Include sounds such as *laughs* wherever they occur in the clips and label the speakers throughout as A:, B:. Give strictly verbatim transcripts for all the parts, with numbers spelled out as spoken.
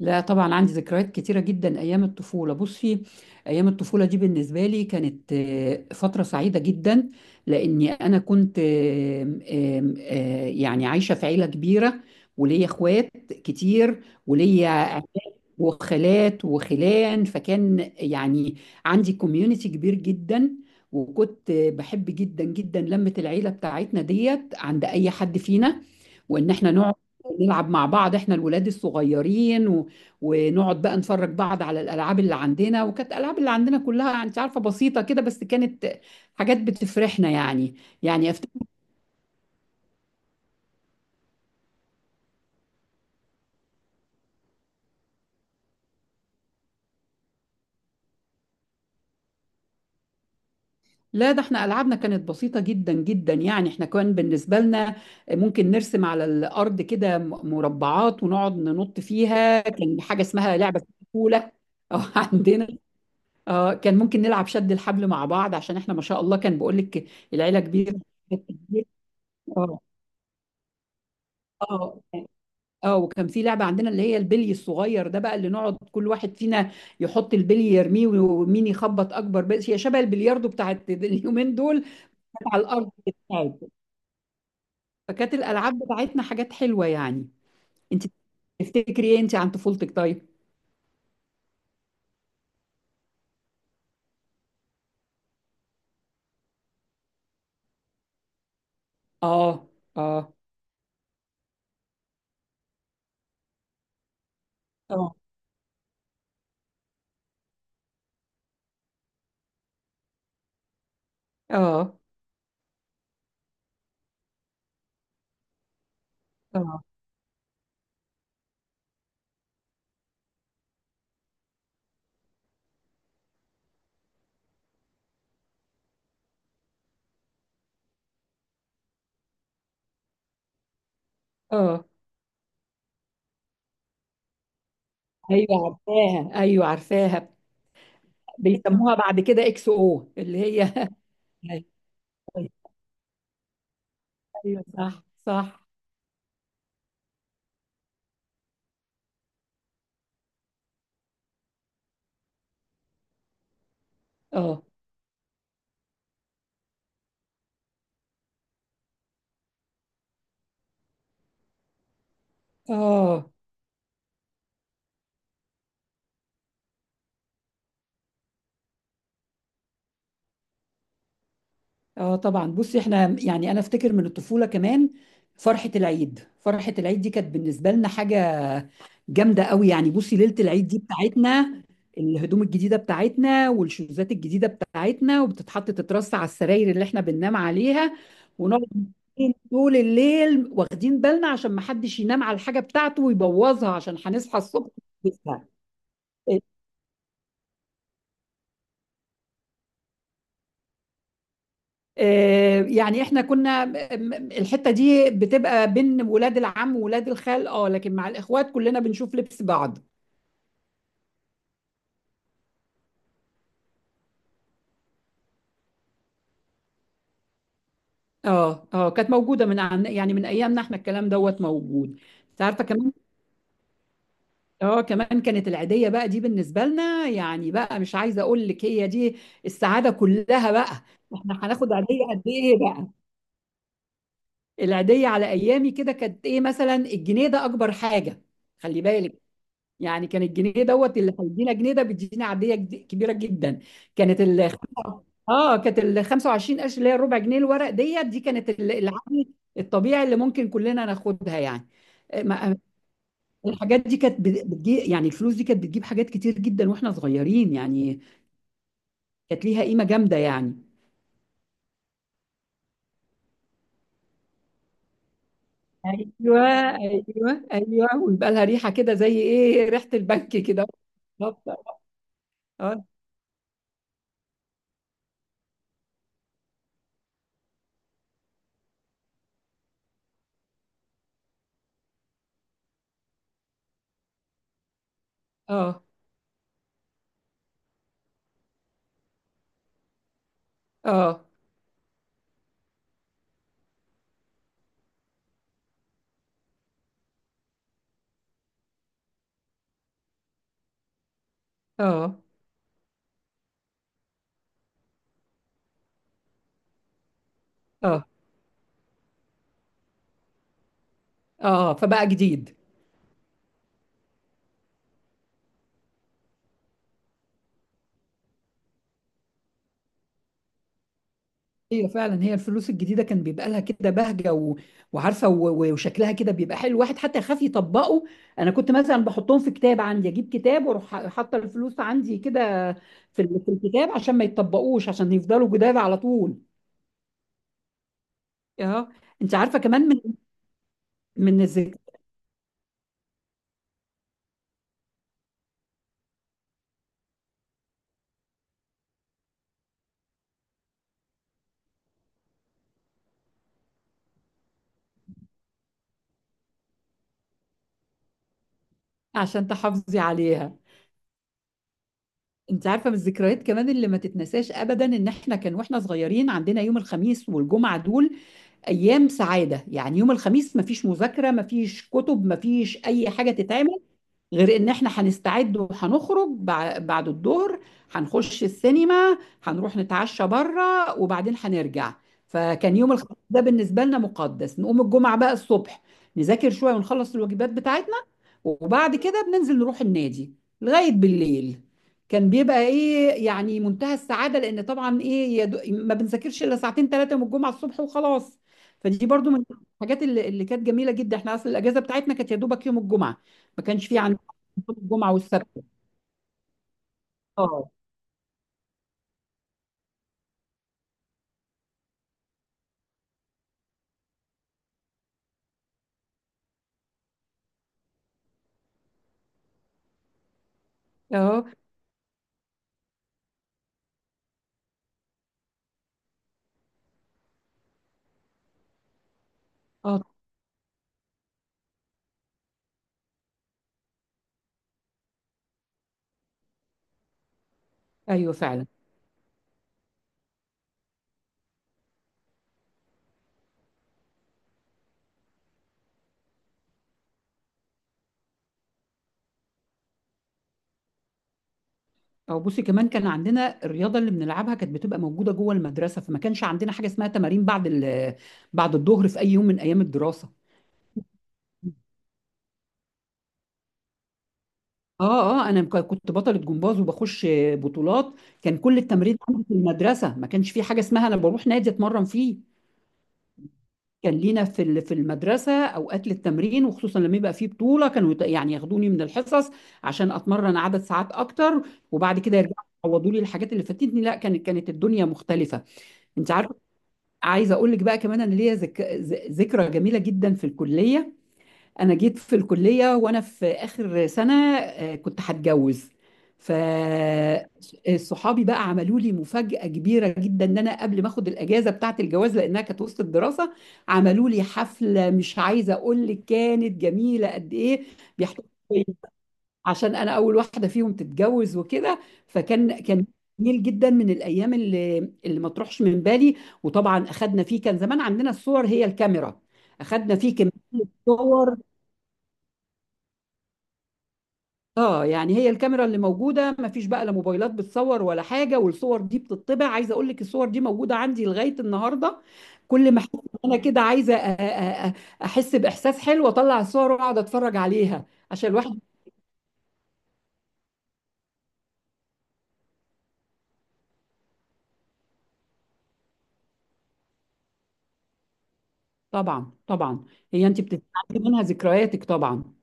A: لا طبعا عندي ذكريات كتيرة جدا أيام الطفولة. بصي، أيام الطفولة دي بالنسبة لي كانت آه، فترة سعيدة جدا لأني أنا كنت آم، آم، آه، يعني عايشة في عيلة كبيرة وليا إخوات كتير، وليا وخالات وخلان، فكان يعني عندي كوميونتي كبير جدا. وكنت بحب جدا جدا لمة العيلة بتاعتنا ديت عند أي حد فينا، وإن إحنا نقعد نلعب مع بعض إحنا الولاد الصغيرين و... ونقعد بقى نفرج بعض على الألعاب اللي عندنا. وكانت الألعاب اللي عندنا كلها أنت عارفة بسيطة كده، بس كانت حاجات بتفرحنا يعني. يعني أفتكر، لا، ده احنا ألعابنا كانت بسيطة جدا جدا. يعني احنا كان بالنسبة لنا ممكن نرسم على الأرض كده م- مربعات ونقعد ننط فيها. كان حاجة اسمها لعبة كولا *laughs* أو عندنا اه، كان ممكن نلعب شد الحبل مع بعض، عشان احنا ما شاء الله كان بقول لك العيلة كبيرة *laughs* اه، اه، اه، وكان في لعبة عندنا اللي هي البلي الصغير ده بقى، اللي نقعد كل واحد فينا يحط البلي يرميه ومين يخبط أكبر بلي. هي شبه البلياردو بتاعت اليومين دول، على الأرض بتاعت. فكانت الالعاب بتاعتنا حاجات حلوه يعني. انت تفتكري ايه انت عن طفولتك طيب؟ اه، اه، اه، اه، اه، اه، ايوه عارفاها، ايوه عارفاها. بيسموها بعد كده اكس او اللي هي *laughs* ايوه، أيوة، صح صح. اه، اه، اه، طبعا. بصي احنا يعني انا افتكر من الطفوله كمان فرحه العيد. فرحه العيد دي كانت بالنسبه لنا حاجه جامده قوي يعني. بصي ليله العيد دي بتاعتنا، الهدوم الجديده بتاعتنا والشوزات الجديده بتاعتنا، وبتتحط تترص على السراير اللي احنا بننام عليها، ونقعد طول الليل واخدين بالنا عشان ما حدش ينام على الحاجه بتاعته ويبوظها، عشان هنصحى الصبح نلبسها. آه، يعني احنا كنا م- م- الحته دي بتبقى بين ولاد العم وولاد الخال، اه، لكن مع الاخوات كلنا بنشوف لبس بعض. اه اه كانت موجوده من عن- يعني من ايامنا احنا الكلام دوت موجود. انت عارفه كمان، آه، كمان كانت العيدية بقى دي بالنسبة لنا يعني بقى، مش عايزة أقول لك، هي دي السعادة كلها بقى. إحنا هناخد عيدية قد إيه بقى؟ العيدية على أيامي كده كانت إيه، مثلا الجنيه ده أكبر حاجة، خلي بالك. يعني كان الجنيه دوت، اللي هيدينا جنيه ده بيدينا عيدية جد- كبيرة جدا. كانت ال اه كانت ال 25 قرش اللي هي الربع جنيه الورق ديت دي كانت ال- العادي الطبيعي اللي ممكن كلنا ناخدها يعني. الحاجات دي كانت بت- بتجي. يعني الفلوس دي كانت بتجيب حاجات كتير جدا واحنا صغيرين يعني، كانت ليها قيمة جامدة يعني. ايوه، ايوه، ايوه، ويبقى لها ريحة كده زي ايه، ريحة البنك كده. بالظبط. اه، اه، اه، اه، اه، اه، آه، فبقى جديد. ايوه فعلا، هي الفلوس الجديده كان بيبقى لها كده بهجه و... وعارفه و... و- وشكلها كده بيبقى حلو، الواحد حتى يخاف يطبقه. انا كنت مثلا بحطهم في كتاب عندي، اجيب كتاب واروح حاطه الفلوس عندي كده في ال... في الكتاب، عشان ما يتطبقوش، عشان يفضلوا جداد على طول. اه. انت عارفه كمان من من الذكريات، عشان تحافظي عليها. انت عارفه من الذكريات كمان اللي ما تتنساش ابدا، ان احنا كان واحنا صغيرين عندنا يوم الخميس والجمعه دول ايام سعاده. يعني يوم الخميس مفيش مذاكره، مفيش كتب، مفيش اي حاجه تتعمل، غير ان احنا هنستعد وهنخرج بع- بعد الظهر، هنخش السينما، هنروح نتعشى بره وبعدين هنرجع. فكان يوم الخميس ده بالنسبه لنا مقدس. نقوم الجمعه بقى الصبح نذاكر شويه ونخلص الواجبات بتاعتنا، وبعد كده بننزل نروح النادي لغاية بالليل، كان بيبقى ايه يعني منتهى السعادة، لان طبعا ايه يا دو- ما بنذاكرش الا ساعتين ثلاثة من الجمعة الصبح وخلاص. فدي برضو من الحاجات اللي, اللي كانت جميلة جدا. احنا اصل الاجازة بتاعتنا كانت يا دوبك يوم الجمعة، ما كانش في عندنا يوم الجمعة والسبت. اه، اه، اه، ايوه فعلا. اه بصي كمان، كان عندنا الرياضة اللي بنلعبها كانت بتبقى موجودة جوه المدرسة، فما كانش عندنا حاجة اسمها تمارين بعد ال- بعد الظهر في اي يوم من ايام الدراسة. اه، اه، انا ك- كنت بطلة جمباز وبخش بطولات. كان كل التمرين عندي في المدرسة، ما كانش في حاجة اسمها انا بروح نادي اتمرن فيه. كان لينا في ال- في المدرسة اوقات للتمرين، وخصوصا لما يبقى فيه بطولة كانوا يت- يعني ياخدوني من الحصص عشان اتمرن عدد ساعات اكتر، وبعد كده يرجعوا يعوضوا لي الحاجات اللي فاتتني. لا، كانت كانت الدنيا مختلفة. انت عارفة، عايزة اقول لك بقى كمان، انا ليا ذك... ذ- ذكرى جميلة جدا في الكلية. انا جيت في الكليه وانا في اخر سنه، آه، كنت هتجوز، ف صحابي بقى عملوا لي مفاجاه كبيره جدا. ان انا قبل ما اخد الاجازه بتاعه الجواز لانها كانت وسط الدراسه، عملوا لي حفله، مش عايزه اقول لك كانت جميله قد ايه. بيحتفلوا بيا عشان انا اول واحده فيهم تتجوز وكده. فكان كان جميل جدا، من الايام اللي اللي ما تروحش من بالي. وطبعا اخدنا فيه، كان زمان عندنا الصور هي الكاميرا، اخدنا فيه كميه صور. اه، يعني هي الكاميرا اللي موجوده، ما فيش بقى لا موبايلات بتصور ولا حاجه، والصور دي بتطبع. عايزه اقول لك الصور دي موجوده عندي لغايه النهارده. كل ما احس إن انا كده عايزه أ- أ- أ- احس باحساس حلو، اطلع الصور واقعد اتفرج عليها عشان الواحد. طبعا طبعا، هي انت بتتعلمي منها ذكرياتك طبعا.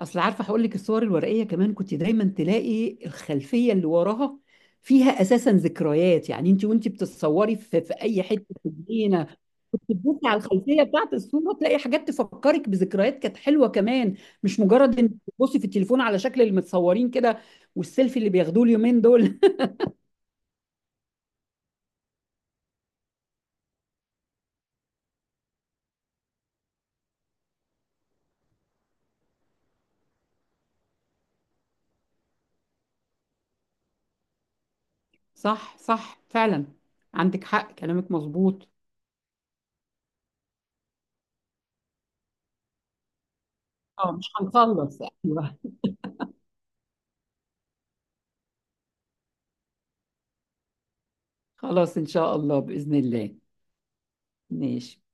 A: اصل عارفه هقول لك الصور الورقيه كمان، كنت دايما تلاقي الخلفيه اللي وراها فيها اساسا ذكريات. يعني انت وانت بتتصوري في, في اي حته في الجنينه، كنت تبصي على الخلفيه بتاعت الصوره تلاقي حاجات تفكرك بذكريات كانت حلوه كمان، مش مجرد انك تبصي في التليفون على شكل اللي متصورين كده والسيلفي اللي بياخدوه اليومين دول *laughs* صح، صح فعلا، عندك حق كلامك مظبوط. اه مش هنخلص، ايوه. خلاص ان شاء الله، باذن الله. ماشي.